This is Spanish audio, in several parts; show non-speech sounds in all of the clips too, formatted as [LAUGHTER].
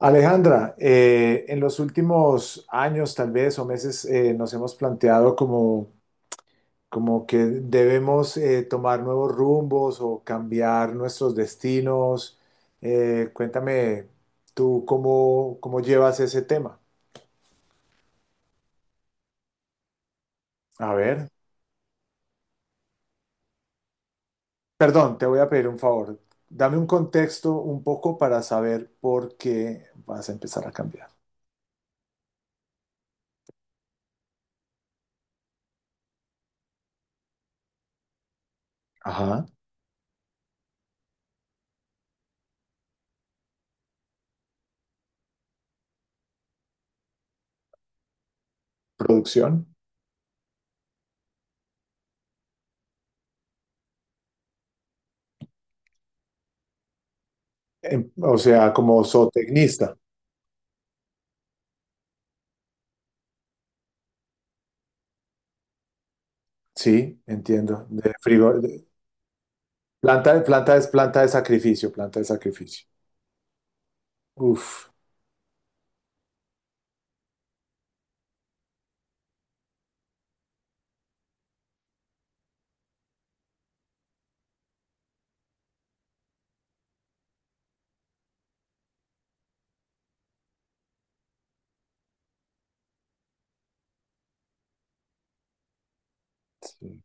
Alejandra, en los últimos años tal vez o meses, nos hemos planteado como que debemos tomar nuevos rumbos o cambiar nuestros destinos. Cuéntame tú cómo llevas ese tema. A ver, perdón, te voy a pedir un favor. Dame un contexto un poco para saber por qué vas a empezar a cambiar. Ajá, producción. O sea, como zootecnista. Sí, entiendo. De frigo. Planta es planta de sacrificio, planta de sacrificio. Uf. Sí.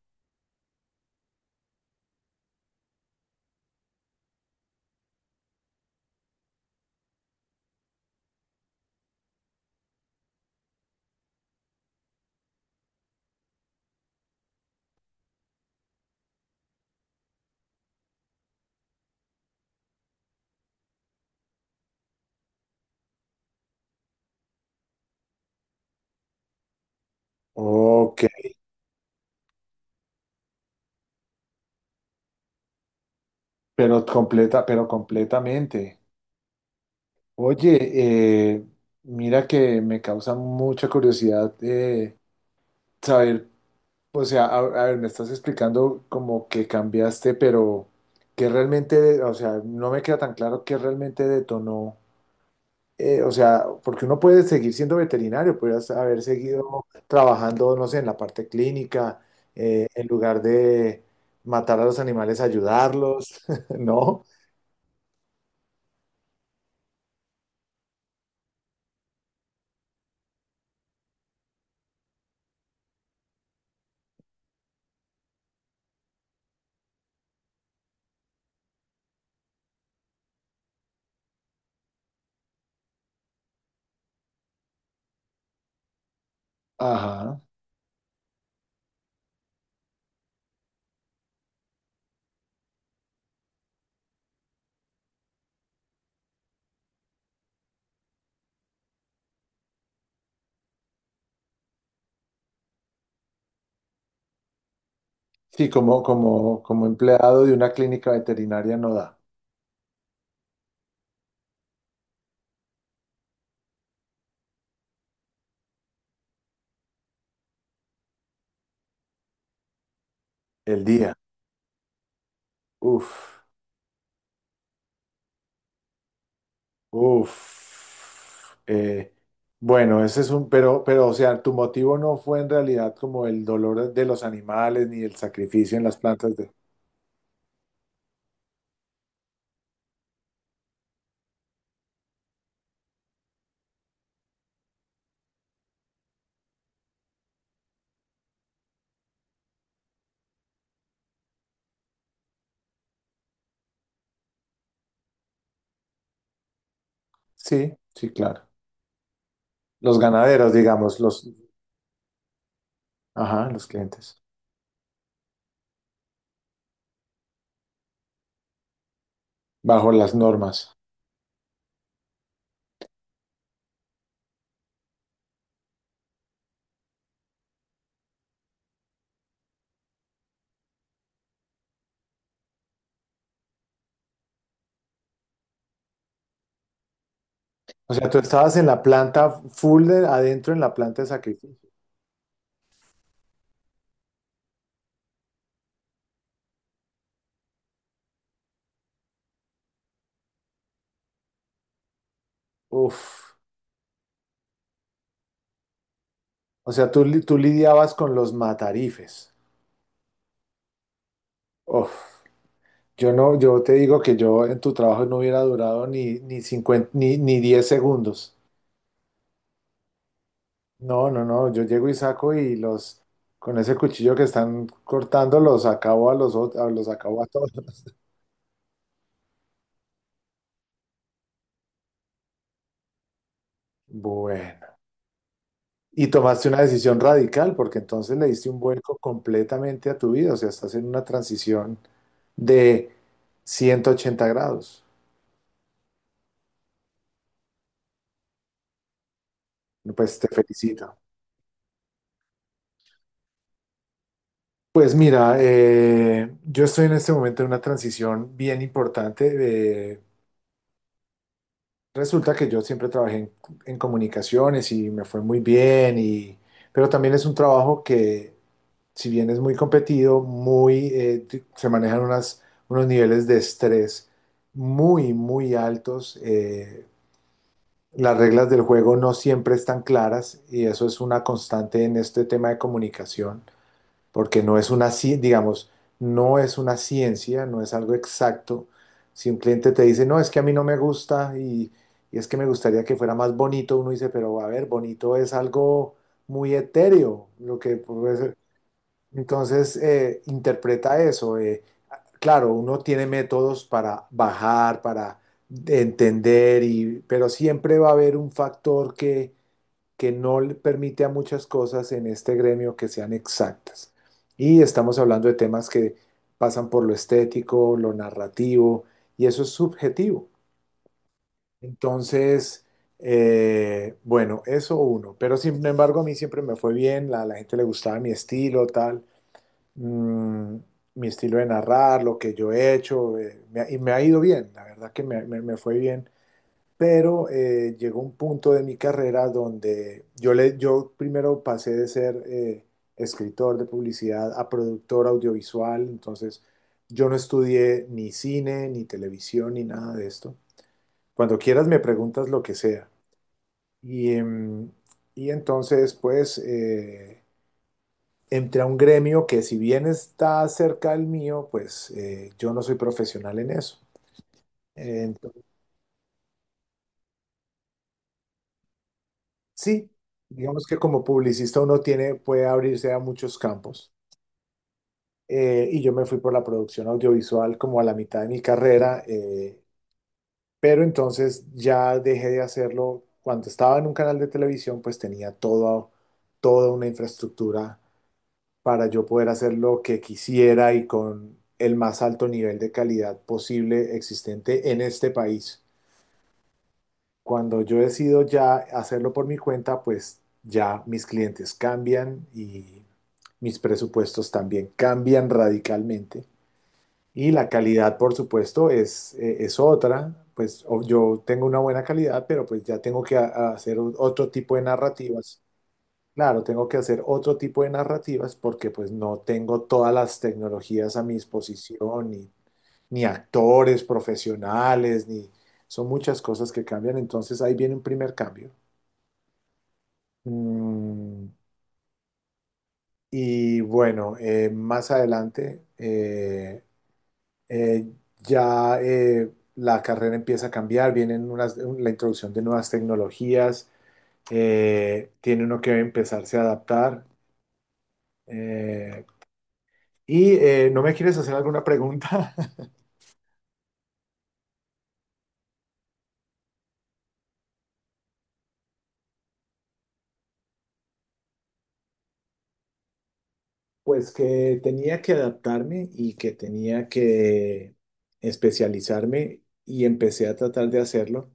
Ok, pero completamente. Oye, mira que me causa mucha curiosidad, saber, o sea, a ver, me estás explicando como que cambiaste, pero que realmente, o sea, no me queda tan claro qué realmente detonó. O sea, porque uno puede seguir siendo veterinario, puedes haber seguido trabajando, no sé, en la parte clínica, en lugar de matar a los animales, ayudarlos, [LAUGHS] ¿no? Ajá. Sí, como empleado de una clínica veterinaria no da el día. Uf, uf. Bueno, ese es un, o sea, tu motivo no fue en realidad como el dolor de los animales ni el sacrificio en las plantas de. Sí, sí, claro. Los ganaderos, digamos, los, ajá, los clientes, bajo las normas. O sea, tú estabas en la planta full adentro en la planta de sacrificio. Uf. O sea, tú lidiabas con los matarifes. Uf. Yo no, yo te digo que yo en tu trabajo no hubiera durado ni 50 ni 10 segundos. No, no, no. Yo llego y saco y los, con ese cuchillo que están cortando, los acabo a todos. [LAUGHS] Bueno. Y tomaste una decisión radical porque entonces le diste un vuelco completamente a tu vida, o sea, estás en una transición de 180 grados. Pues te felicito. Pues mira, yo estoy en este momento en una transición bien importante. Resulta que yo siempre trabajé en comunicaciones y me fue muy bien, y, pero también es un trabajo que si bien es muy competido, muy, se manejan unos niveles de estrés muy, muy altos. Las reglas del juego no siempre están claras y eso es una constante en este tema de comunicación, porque no es digamos, no es una ciencia, no es algo exacto. Si un cliente te dice, no, es que a mí no me gusta y es que me gustaría que fuera más bonito, uno dice, pero a ver, bonito es algo muy etéreo, lo que pues, entonces, interpreta eso. Claro, uno tiene métodos para bajar, para entender, y, pero siempre va a haber un factor que no le permite a muchas cosas en este gremio que sean exactas. Y estamos hablando de temas que pasan por lo estético, lo narrativo, y eso es subjetivo. Entonces, bueno, eso uno. Pero sin embargo, a mí siempre me fue bien, la gente le gustaba mi estilo, mm, mi estilo de narrar, lo que yo he hecho, y me ha ido bien, la verdad que me fue bien, pero llegó un punto de mi carrera donde yo primero pasé de ser escritor de publicidad a productor audiovisual, entonces yo no estudié ni cine, ni televisión, ni nada de esto. Cuando quieras me preguntas lo que sea. Y, em, y entonces, pues, entré a un gremio que si bien está cerca del mío, pues yo no soy profesional en eso. Entonces, sí, digamos que como publicista uno tiene, puede abrirse a muchos campos. Y yo me fui por la producción audiovisual como a la mitad de mi carrera, pero entonces ya dejé de hacerlo. Cuando estaba en un canal de televisión, pues tenía toda una infraestructura para yo poder hacer lo que quisiera y con el más alto nivel de calidad posible existente en este país. Cuando yo decido ya hacerlo por mi cuenta, pues ya mis clientes cambian y mis presupuestos también cambian radicalmente. Y la calidad, por supuesto, es otra. Pues yo tengo una buena calidad, pero pues ya tengo que a hacer otro tipo de narrativas. Claro, tengo que hacer otro tipo de narrativas porque pues no tengo todas las tecnologías a mi disposición, ni actores profesionales, ni son muchas cosas que cambian, entonces ahí viene un primer cambio. Mm, y bueno, más adelante, eh, ya la carrera empieza a cambiar, vienen unas, la introducción de nuevas tecnologías, tiene uno que empezarse a adaptar. eh, Y, ¿no me quieres hacer alguna pregunta? [LAUGHS] Pues que tenía que adaptarme y que tenía que especializarme y empecé a tratar de hacerlo,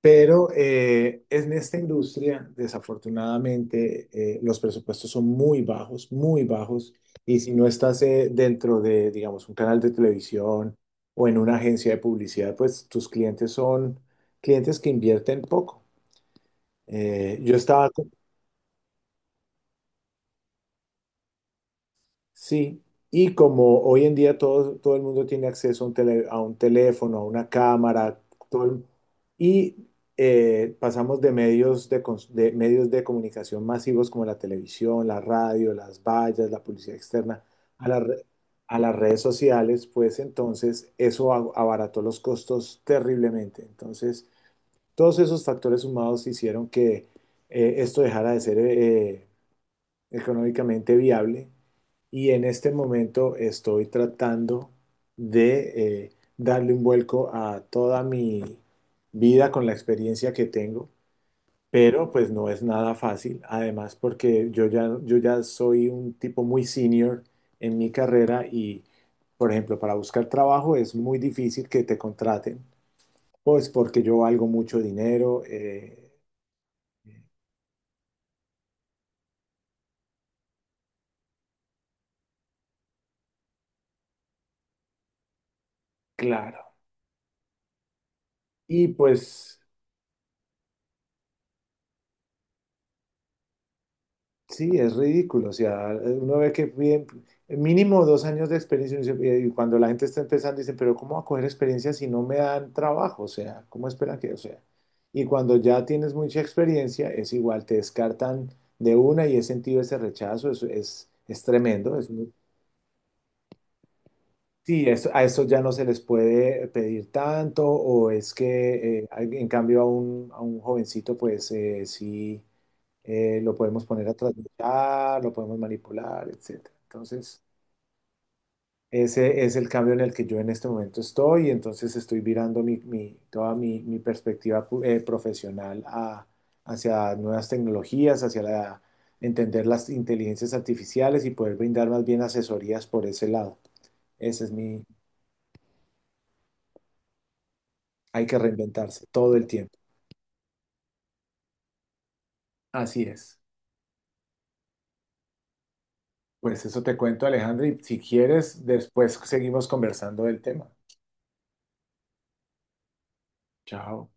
pero en esta industria, desafortunadamente, los presupuestos son muy bajos, y si no estás dentro de, digamos, un canal de televisión o en una agencia de publicidad, pues tus clientes son clientes que invierten poco. Yo estaba. Sí, y como hoy en día todo el mundo tiene acceso a un teléfono, a una cámara, todo el- y pasamos de medios de comunicación masivos como la televisión, la radio, las vallas, la publicidad externa, a la re- a las redes sociales, pues entonces eso abarató los costos terriblemente. Entonces, todos esos factores sumados hicieron que esto dejara de ser económicamente viable y en este momento estoy tratando de darle un vuelco a toda mi vida con la experiencia que tengo, pero pues no es nada fácil, además porque yo ya soy un tipo muy senior en mi carrera y, por ejemplo, para buscar trabajo es muy difícil que te contraten, pues porque yo valgo mucho dinero, claro, y pues. Sí, es ridículo. O sea, uno ve que piden mínimo 2 años de experiencia y cuando la gente está empezando dicen, pero ¿cómo va a coger experiencia si no me dan trabajo? O sea, ¿cómo esperan que? O sea, y cuando ya tienes mucha experiencia, es igual, te descartan de una y he sentido ese rechazo, es tremendo. Sí, a eso ya no se les puede pedir tanto o es que en cambio a un jovencito, pues sí, lo podemos poner a trasnochar, lo podemos manipular, etcétera. Entonces, ese es el cambio en el que yo en este momento estoy, y entonces estoy virando toda mi perspectiva profesional hacia nuevas tecnologías, hacia la, entender las inteligencias artificiales y poder brindar más bien asesorías por ese lado. Ese es mi, hay que reinventarse todo el tiempo. Así es. Pues eso te cuento, Alejandro, y si quieres, después seguimos conversando del tema. Chao.